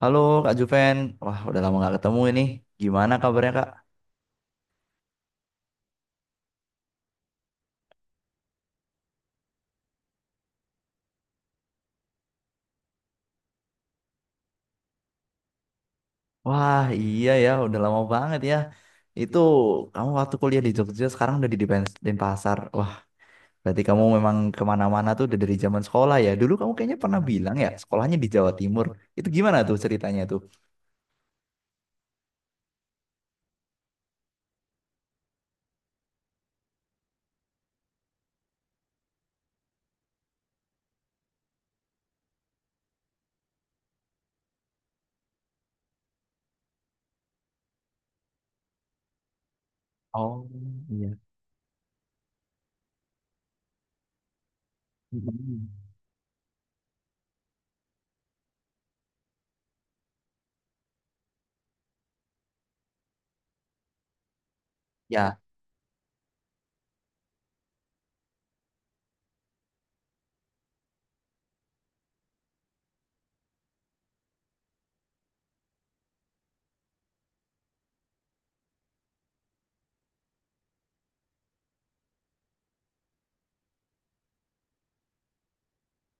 Halo Kak Juven, wah udah lama nggak ketemu ini. Gimana kabarnya Kak? Wah iya ya, udah lama banget ya. Itu kamu waktu kuliah di Jogja, sekarang udah di Denpasar. Wah berarti kamu memang kemana-mana tuh udah dari zaman sekolah ya. Dulu kamu kayaknya pernah bilang ya, sekolahnya di Jawa Timur. Itu gimana tuh ceritanya tuh? Oh, iya. Mm-mm. Ya.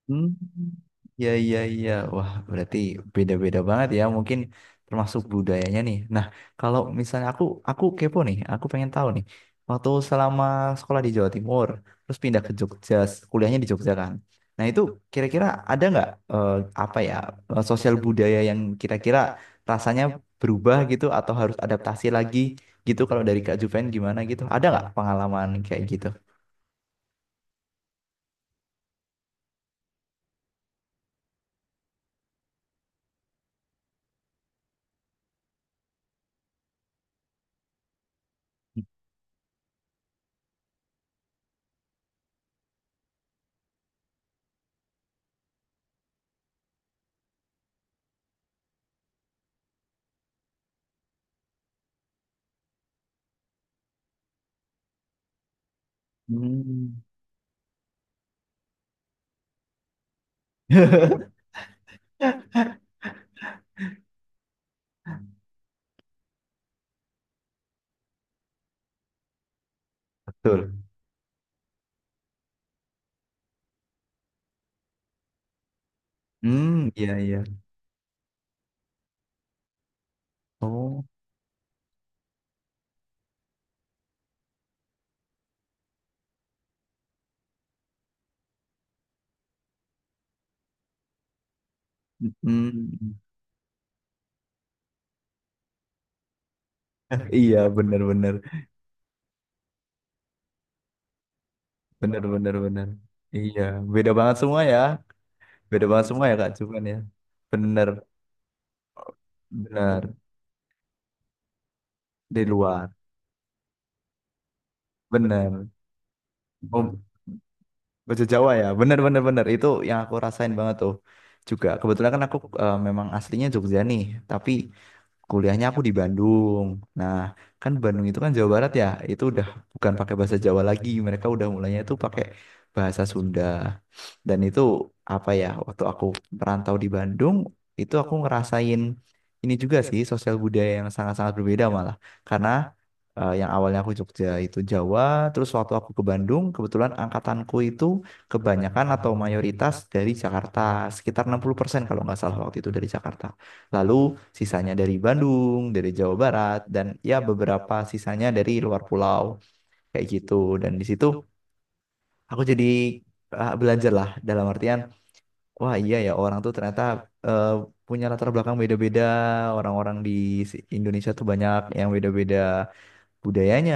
Hmm, ya iya iya. Wah, berarti beda-beda banget ya mungkin termasuk budayanya nih. Nah, kalau misalnya aku kepo nih, aku pengen tahu nih. Waktu selama sekolah di Jawa Timur, terus pindah ke Jogja, kuliahnya di Jogja kan. Nah, itu kira-kira ada nggak eh, apa ya, sosial budaya yang kira-kira rasanya berubah gitu atau harus adaptasi lagi gitu kalau dari Kak Juven gimana gitu? Ada nggak pengalaman kayak gitu? Hmm. Betul. Hmm, iya iya. Oh, mm, iya bener-bener, bener-bener bener. Bener, bener, bener. Iya, beda banget semua ya, beda banget semua ya Kak. Cuman ya, bener, bener di luar, bener. Oh, bahasa Jawa ya, bener bener bener itu yang aku rasain banget tuh. Juga kebetulan kan aku memang aslinya Jogja nih, tapi kuliahnya aku di Bandung. Nah, kan Bandung itu kan Jawa Barat ya, itu udah bukan pakai bahasa Jawa lagi, mereka udah mulainya itu pakai bahasa Sunda. Dan itu apa ya, waktu aku merantau di Bandung, itu aku ngerasain ini juga sih, sosial budaya yang sangat-sangat berbeda malah. Karena yang awalnya aku Jogja itu Jawa, terus waktu aku ke Bandung, kebetulan angkatanku itu kebanyakan atau mayoritas dari Jakarta, sekitar 60% kalau nggak salah waktu itu dari Jakarta. Lalu sisanya dari Bandung, dari Jawa Barat, dan ya beberapa sisanya dari luar pulau, kayak gitu. Dan di situ aku jadi belajar lah dalam artian wah iya ya orang tuh ternyata eh, punya latar belakang beda-beda. Orang-orang di Indonesia tuh banyak yang beda-beda budayanya,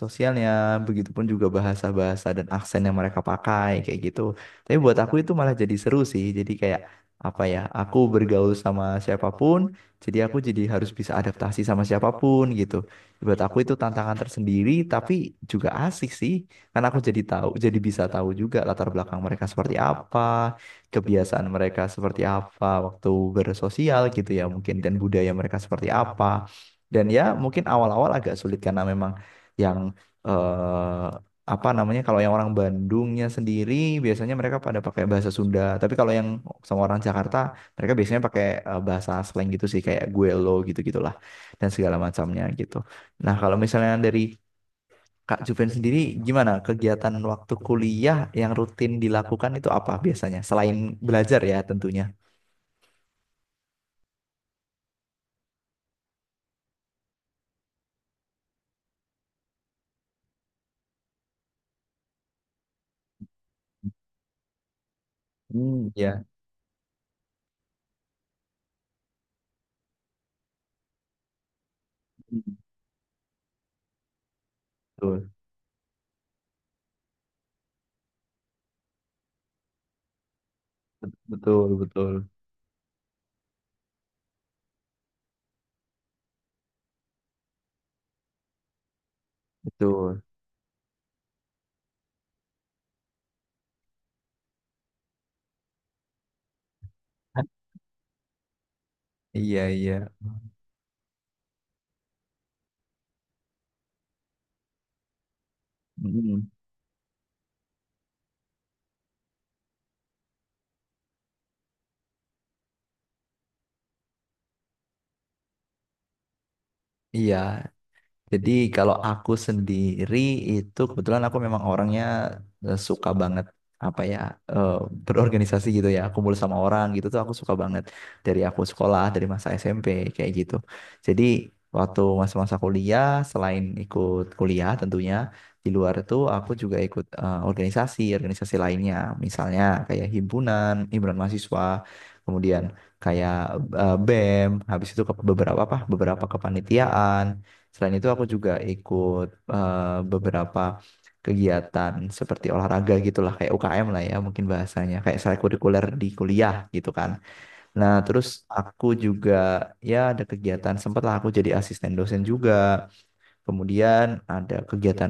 sosialnya, begitupun juga bahasa-bahasa dan aksen yang mereka pakai kayak gitu. Tapi buat aku itu malah jadi seru sih. Jadi kayak apa ya, aku bergaul sama siapapun, jadi aku jadi harus bisa adaptasi sama siapapun gitu. Buat aku itu tantangan tersendiri, tapi juga asik sih, karena aku jadi tahu, jadi bisa tahu juga latar belakang mereka seperti apa, kebiasaan mereka seperti apa waktu bersosial gitu ya mungkin dan budaya mereka seperti apa. Dan ya mungkin awal-awal agak sulit karena memang yang apa namanya kalau yang orang Bandungnya sendiri biasanya mereka pada pakai bahasa Sunda. Tapi kalau yang sama orang Jakarta mereka biasanya pakai bahasa slang gitu sih kayak gue lo gitu-gitulah dan segala macamnya gitu. Nah, kalau misalnya dari Kak Juven sendiri gimana kegiatan waktu kuliah yang rutin dilakukan itu apa biasanya selain belajar ya tentunya. Hmm. Ya, hmm, betul, betul, betul, betul. Iya, iya. Mm-mm. Iya, jadi kalau aku sendiri itu kebetulan aku memang orangnya suka banget apa ya, eh, berorganisasi gitu ya kumpul sama orang gitu tuh aku suka banget dari aku sekolah dari masa SMP kayak gitu. Jadi waktu masa-masa kuliah selain ikut kuliah tentunya di luar itu aku juga ikut organisasi organisasi lainnya misalnya kayak himpunan himpunan mahasiswa kemudian kayak BEM habis itu ke beberapa apa beberapa kepanitiaan. Selain itu aku juga ikut beberapa kegiatan seperti olahraga gitulah kayak UKM lah ya mungkin bahasanya kayak kurikuler di kuliah gitu kan. Nah, terus aku juga ya ada kegiatan sempatlah aku jadi asisten dosen juga. Kemudian ada kegiatan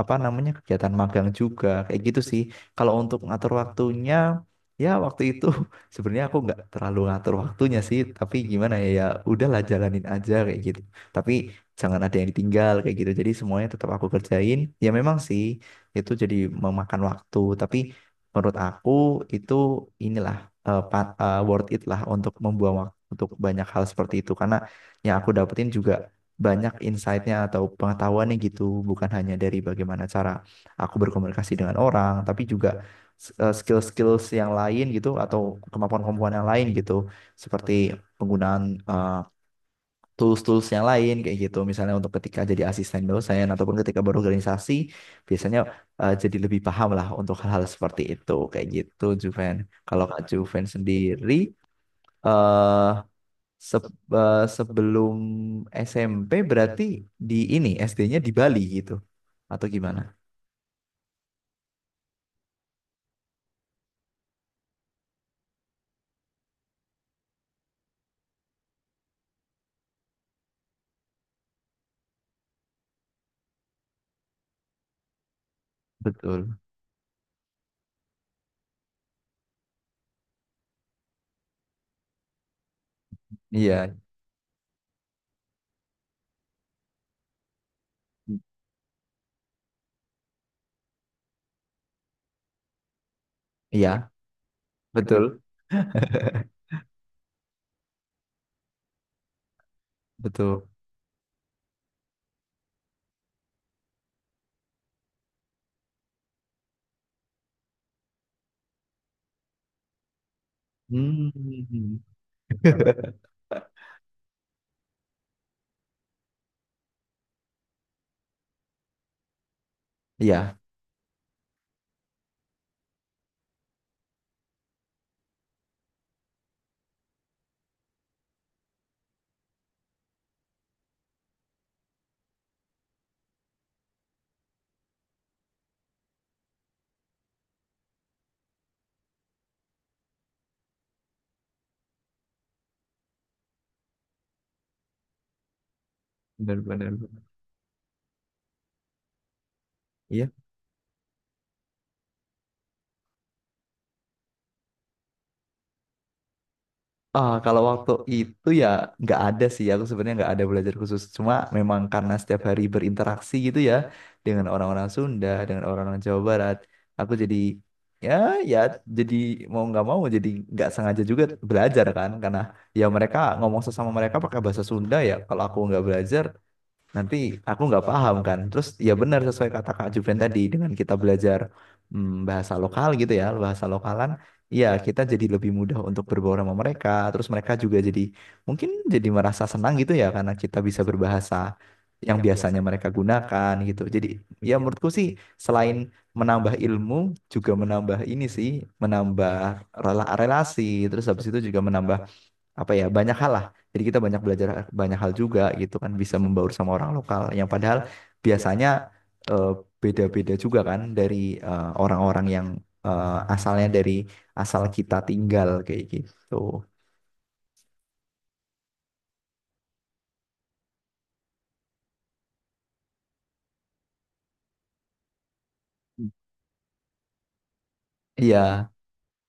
apa namanya kegiatan magang juga kayak gitu sih. Kalau untuk ngatur waktunya ya waktu itu sebenarnya aku nggak terlalu ngatur waktunya sih, tapi gimana ya ya udahlah jalanin aja kayak gitu. Tapi jangan ada yang ditinggal kayak gitu. Jadi semuanya tetap aku kerjain. Ya memang sih itu jadi memakan waktu, tapi menurut aku itu inilah worth it lah untuk membuang waktu untuk banyak hal seperti itu karena yang aku dapetin juga banyak insight-nya atau pengetahuannya gitu, bukan hanya dari bagaimana cara aku berkomunikasi dengan orang, tapi juga skill-skills yang lain gitu atau kemampuan-kemampuan yang lain gitu, seperti penggunaan eh, tools-tools yang lain kayak gitu, misalnya untuk ketika jadi asisten dosen ataupun ketika berorganisasi, biasanya jadi lebih paham lah untuk hal-hal seperti itu kayak gitu, Juven. Kalau Kak Juven sendiri eh Se- sebelum SMP berarti di ini SD-nya di Bali gitu atau gimana? Betul. Iya, iya, betul. Betul. Hmm. Iya, benar-benar. Iya. Ah, kalau waktu itu ya nggak ada sih, aku sebenarnya nggak ada belajar khusus. Cuma memang karena setiap hari berinteraksi gitu ya dengan orang-orang Sunda, dengan orang-orang Jawa Barat, aku jadi ya ya jadi mau nggak mau jadi nggak sengaja juga belajar kan, karena ya mereka ngomong sesama mereka pakai bahasa Sunda ya. Kalau aku nggak belajar, nanti aku nggak paham kan terus ya benar sesuai kata Kak Juven tadi dengan kita belajar mm, bahasa lokal gitu ya bahasa lokalan ya kita jadi lebih mudah untuk berbaur sama mereka terus mereka juga jadi mungkin jadi merasa senang gitu ya karena kita bisa berbahasa yang biasanya mereka gunakan gitu jadi ya menurutku sih selain menambah ilmu juga menambah ini sih menambah relasi terus habis itu juga menambah apa ya banyak hal lah jadi kita banyak belajar banyak hal juga gitu kan bisa membaur sama orang lokal yang padahal biasanya eh, beda-beda juga kan dari orang-orang yang asalnya dari asal kita tinggal kayak gitu. Iya.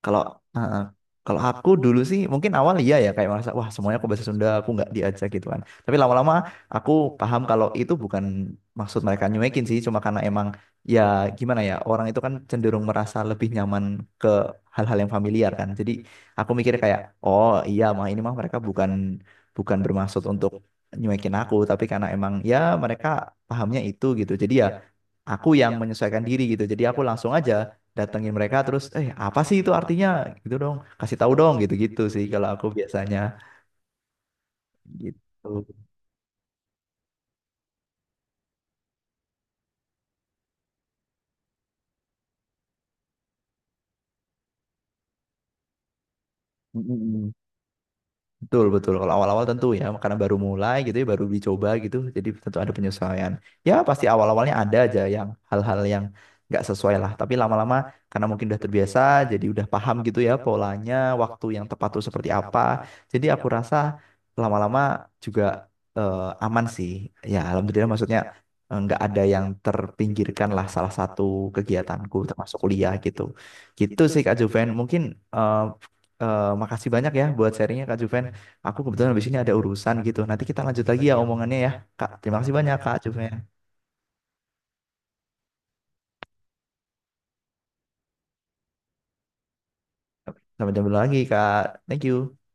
Kalau uh, uh. kalau aku dulu sih mungkin awal iya ya kayak merasa wah semuanya aku bahasa Sunda aku nggak diajak gitu kan. Tapi lama-lama aku paham kalau itu bukan maksud mereka nyuekin sih cuma karena emang ya gimana ya orang itu kan cenderung merasa lebih nyaman ke hal-hal yang familiar kan. Jadi aku mikir kayak oh iya mah ini mah mereka bukan bukan bermaksud untuk nyuekin aku tapi karena emang ya mereka pahamnya itu gitu. Jadi ya aku yang menyesuaikan diri gitu. Jadi aku langsung aja datengin mereka terus eh apa sih itu artinya gitu dong kasih tahu dong gitu-gitu sih kalau aku biasanya gitu. Mm-mm. Betul, betul. Kalau awal-awal tentu ya, karena baru mulai gitu ya, baru dicoba gitu, jadi tentu ada penyesuaian. Ya, pasti awal-awalnya ada aja yang hal-hal yang nggak sesuai lah. Tapi lama-lama, karena mungkin udah terbiasa, jadi udah paham gitu ya polanya, waktu yang tepat tuh seperti apa. Jadi aku rasa lama-lama juga eh, aman sih. Ya, alhamdulillah maksudnya nggak ada yang terpinggirkan lah salah satu kegiatanku, termasuk kuliah gitu. Gitu sih Kak Juven. Eh, Makasih banyak ya buat sharingnya Kak Juven. Aku kebetulan habis ini ada urusan gitu. Nanti kita lanjut lagi ya omongannya ya, Kak. Terima kasih banyak, Kak. Cuma sampai jumpa lagi, Kak. Thank you.